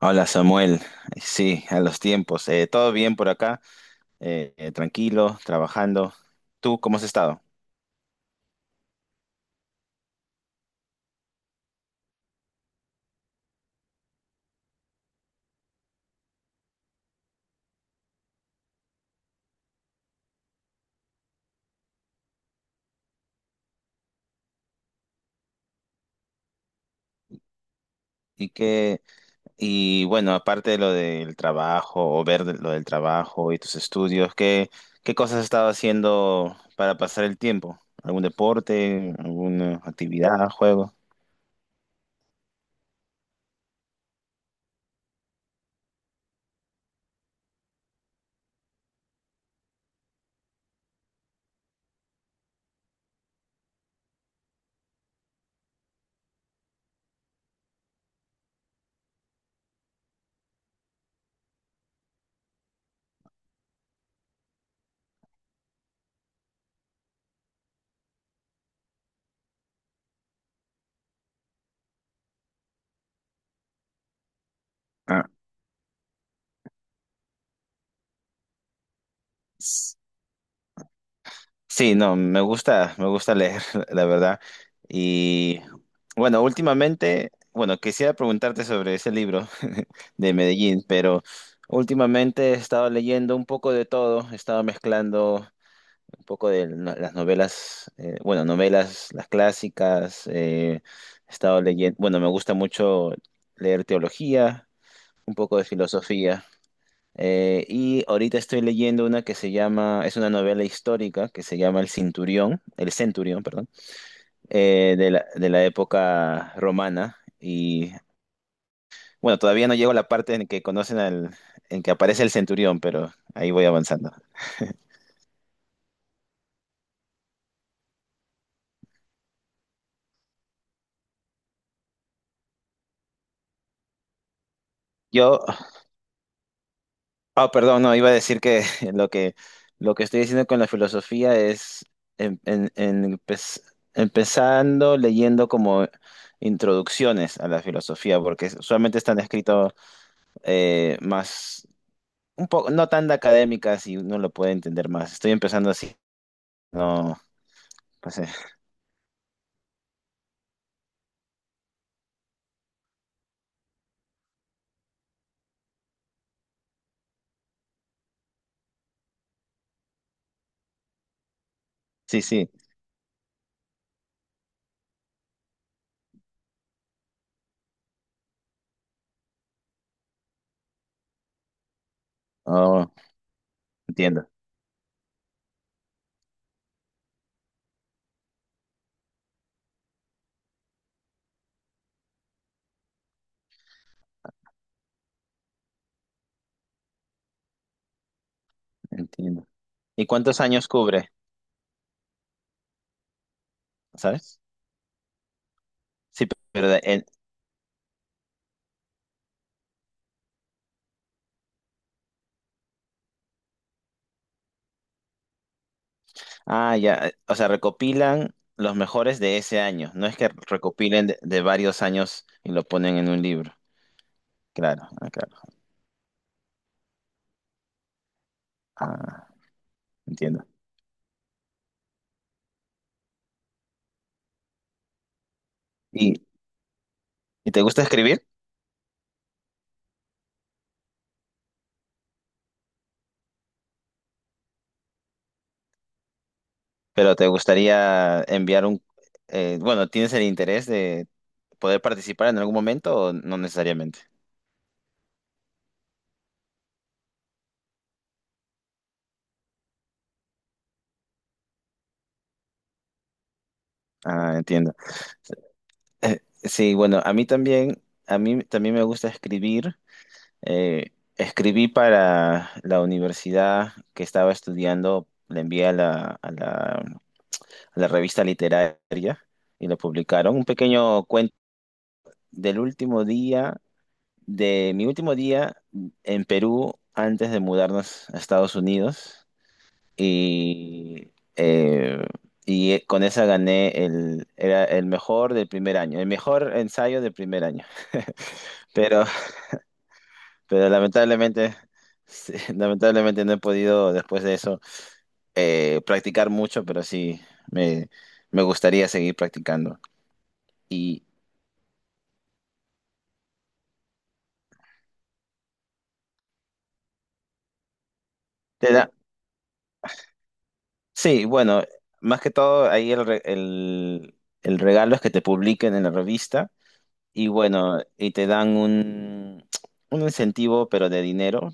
Hola Samuel, sí, a los tiempos. Todo bien por acá. Tranquilo, trabajando. ¿Tú cómo has estado? Y qué, y bueno, aparte de lo del trabajo lo del trabajo y tus estudios, ¿qué cosas has estado haciendo para pasar el tiempo? ¿Algún deporte, alguna actividad, juego? Ah. Sí, no, me gusta leer, la verdad. Y bueno, últimamente, bueno, quisiera preguntarte sobre ese libro de Medellín, pero últimamente he estado leyendo un poco de todo. He estado mezclando un poco de las novelas, bueno, novelas, las clásicas. He estado leyendo, bueno, me gusta mucho leer teología, un poco de filosofía. Y ahorita estoy leyendo una, es una novela histórica que se llama El Cinturión, El Centurión, perdón, de la época romana. Y bueno, todavía no llego a la parte en que aparece el centurión, pero ahí voy avanzando. Yo, ah, perdón, no, iba a decir que lo que, lo que estoy diciendo con la filosofía es en- en- en- empe- empezando leyendo como introducciones a la filosofía, porque usualmente están escritos más, un poco, no tan de académica, si uno lo puede entender más. Estoy empezando así. No, pues sí, sí. Oh, entiendo, entiendo. ¿Y cuántos años cubre? ¿Sabes? Sí, pero ya. O sea, recopilan los mejores de ese año. No es que recopilen de varios años y lo ponen en un libro. Claro, ah, claro. Ah, entiendo. ¿Y, y te gusta escribir? Pero te gustaría enviar un bueno, ¿tienes el interés de poder participar en algún momento o no necesariamente? Ah, entiendo. Sí, bueno, a mí también me gusta escribir. Eh, escribí para la universidad que estaba estudiando, le envié a la revista literaria y lo publicaron. Un pequeño cuento del último día, de mi último día en Perú antes de mudarnos a Estados Unidos. y, eh, y con esa gané era el mejor del primer año, el mejor ensayo del primer año. Pero, pero lamentablemente, sí, lamentablemente no he podido después de eso practicar mucho, pero sí me, me gustaría seguir practicando. Y te da, sí, bueno, más que todo ahí el regalo es que te publiquen en la revista. Y bueno, y te dan un incentivo, pero de dinero,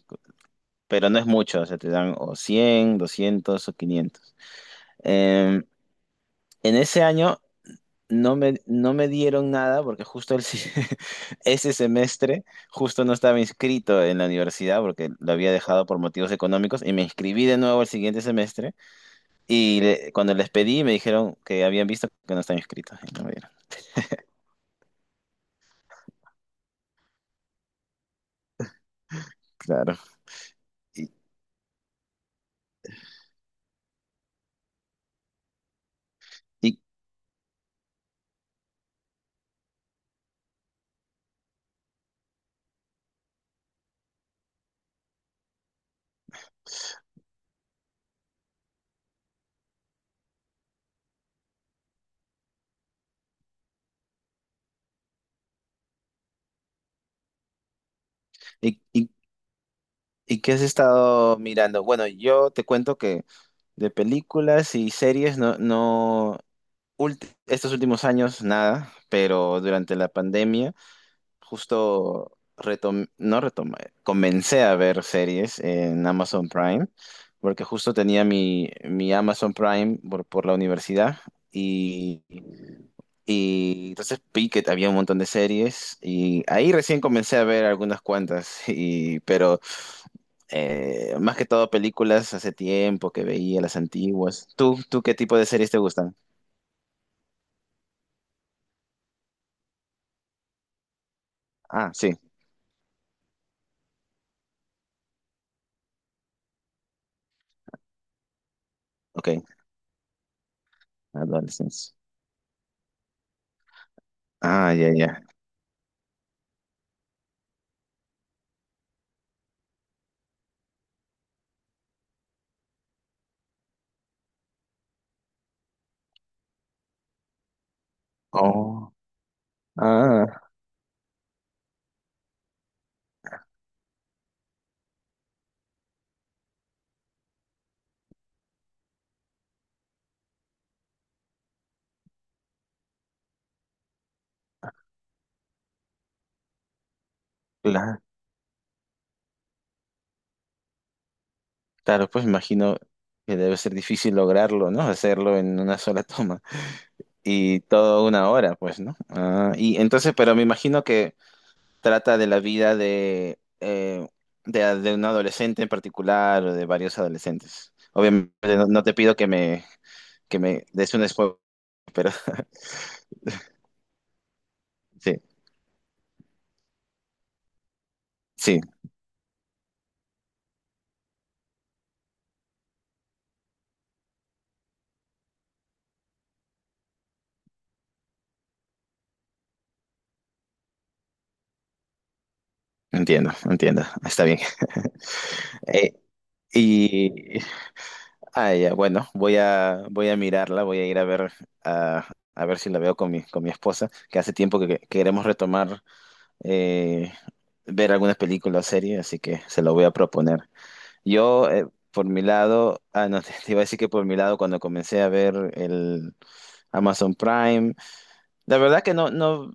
pero no es mucho, o sea, te dan o 100, 200 o 500. Eh, en ese año no me dieron nada porque justo el si- ese semestre justo no estaba inscrito en la universidad porque lo había dejado por motivos económicos y me inscribí de nuevo el siguiente semestre y cuando les pedí me dijeron que habían visto que no estaba inscrito y no me dieron. Claro. ¿Y, y, y, y- y qué has estado mirando? Bueno, yo te cuento que de películas y series no, estos últimos años nada, pero durante la pandemia justo retom no retomé, comencé a ver series en Amazon Prime, porque justo tenía mi Amazon Prime por la universidad y, y entonces vi que había un montón de series y ahí recién comencé a ver algunas cuantas. Pero más que todo películas hace tiempo que veía las antiguas. ¿Tú qué tipo de series te gustan? Ah, sí, ok. Adolescencia. Ah, ya, ya. Oh, ah, claro. Claro, pues me imagino que debe ser difícil lograrlo, ¿no? Hacerlo en una sola toma y toda una hora, pues, ¿no? Ah, y entonces, pero me imagino que trata de la vida de un adolescente en particular o de varios adolescentes. Obviamente, no te pido que me des un spoiler, pero sí, sí, entiendo, entiendo, está bien. Eh, y Ah, ya, bueno, voy a mirarla, voy a ir a ver, a, a ver si la veo con mi esposa, que hace tiempo que queremos retomar, eh, ver algunas películas o series, así que se lo voy a proponer. Yo, por mi lado, ah, no, te iba a decir que por mi lado, cuando comencé a ver el Amazon Prime, la verdad que no, no,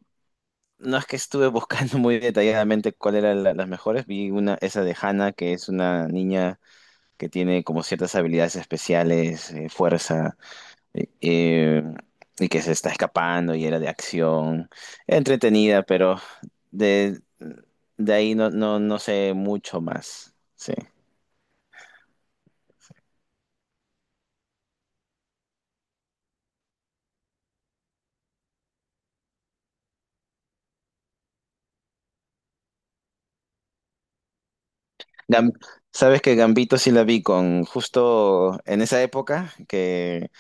no es que estuve buscando muy detalladamente cuál eran las mejores. Vi una, esa de Hannah, que es una niña que tiene como ciertas habilidades especiales, fuerza eh, y que se está escapando y era de acción, entretenida, pero de, de ahí no sé mucho más. Sí. Gam- Sabes que Gambito sí la vi con justo en esa época que,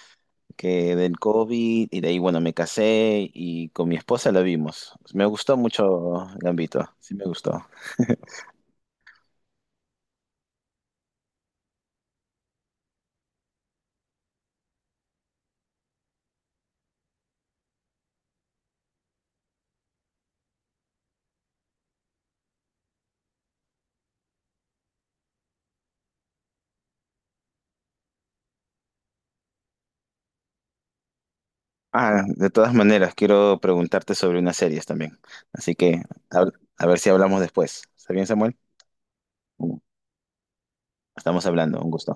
que del COVID y de ahí, bueno, me casé y con mi esposa la vimos. Me gustó mucho Gambito, sí me gustó. Ah, de todas maneras, quiero preguntarte sobre unas series también. Así que a, a ver si hablamos después. ¿Está bien, Samuel? Estamos hablando, un gusto.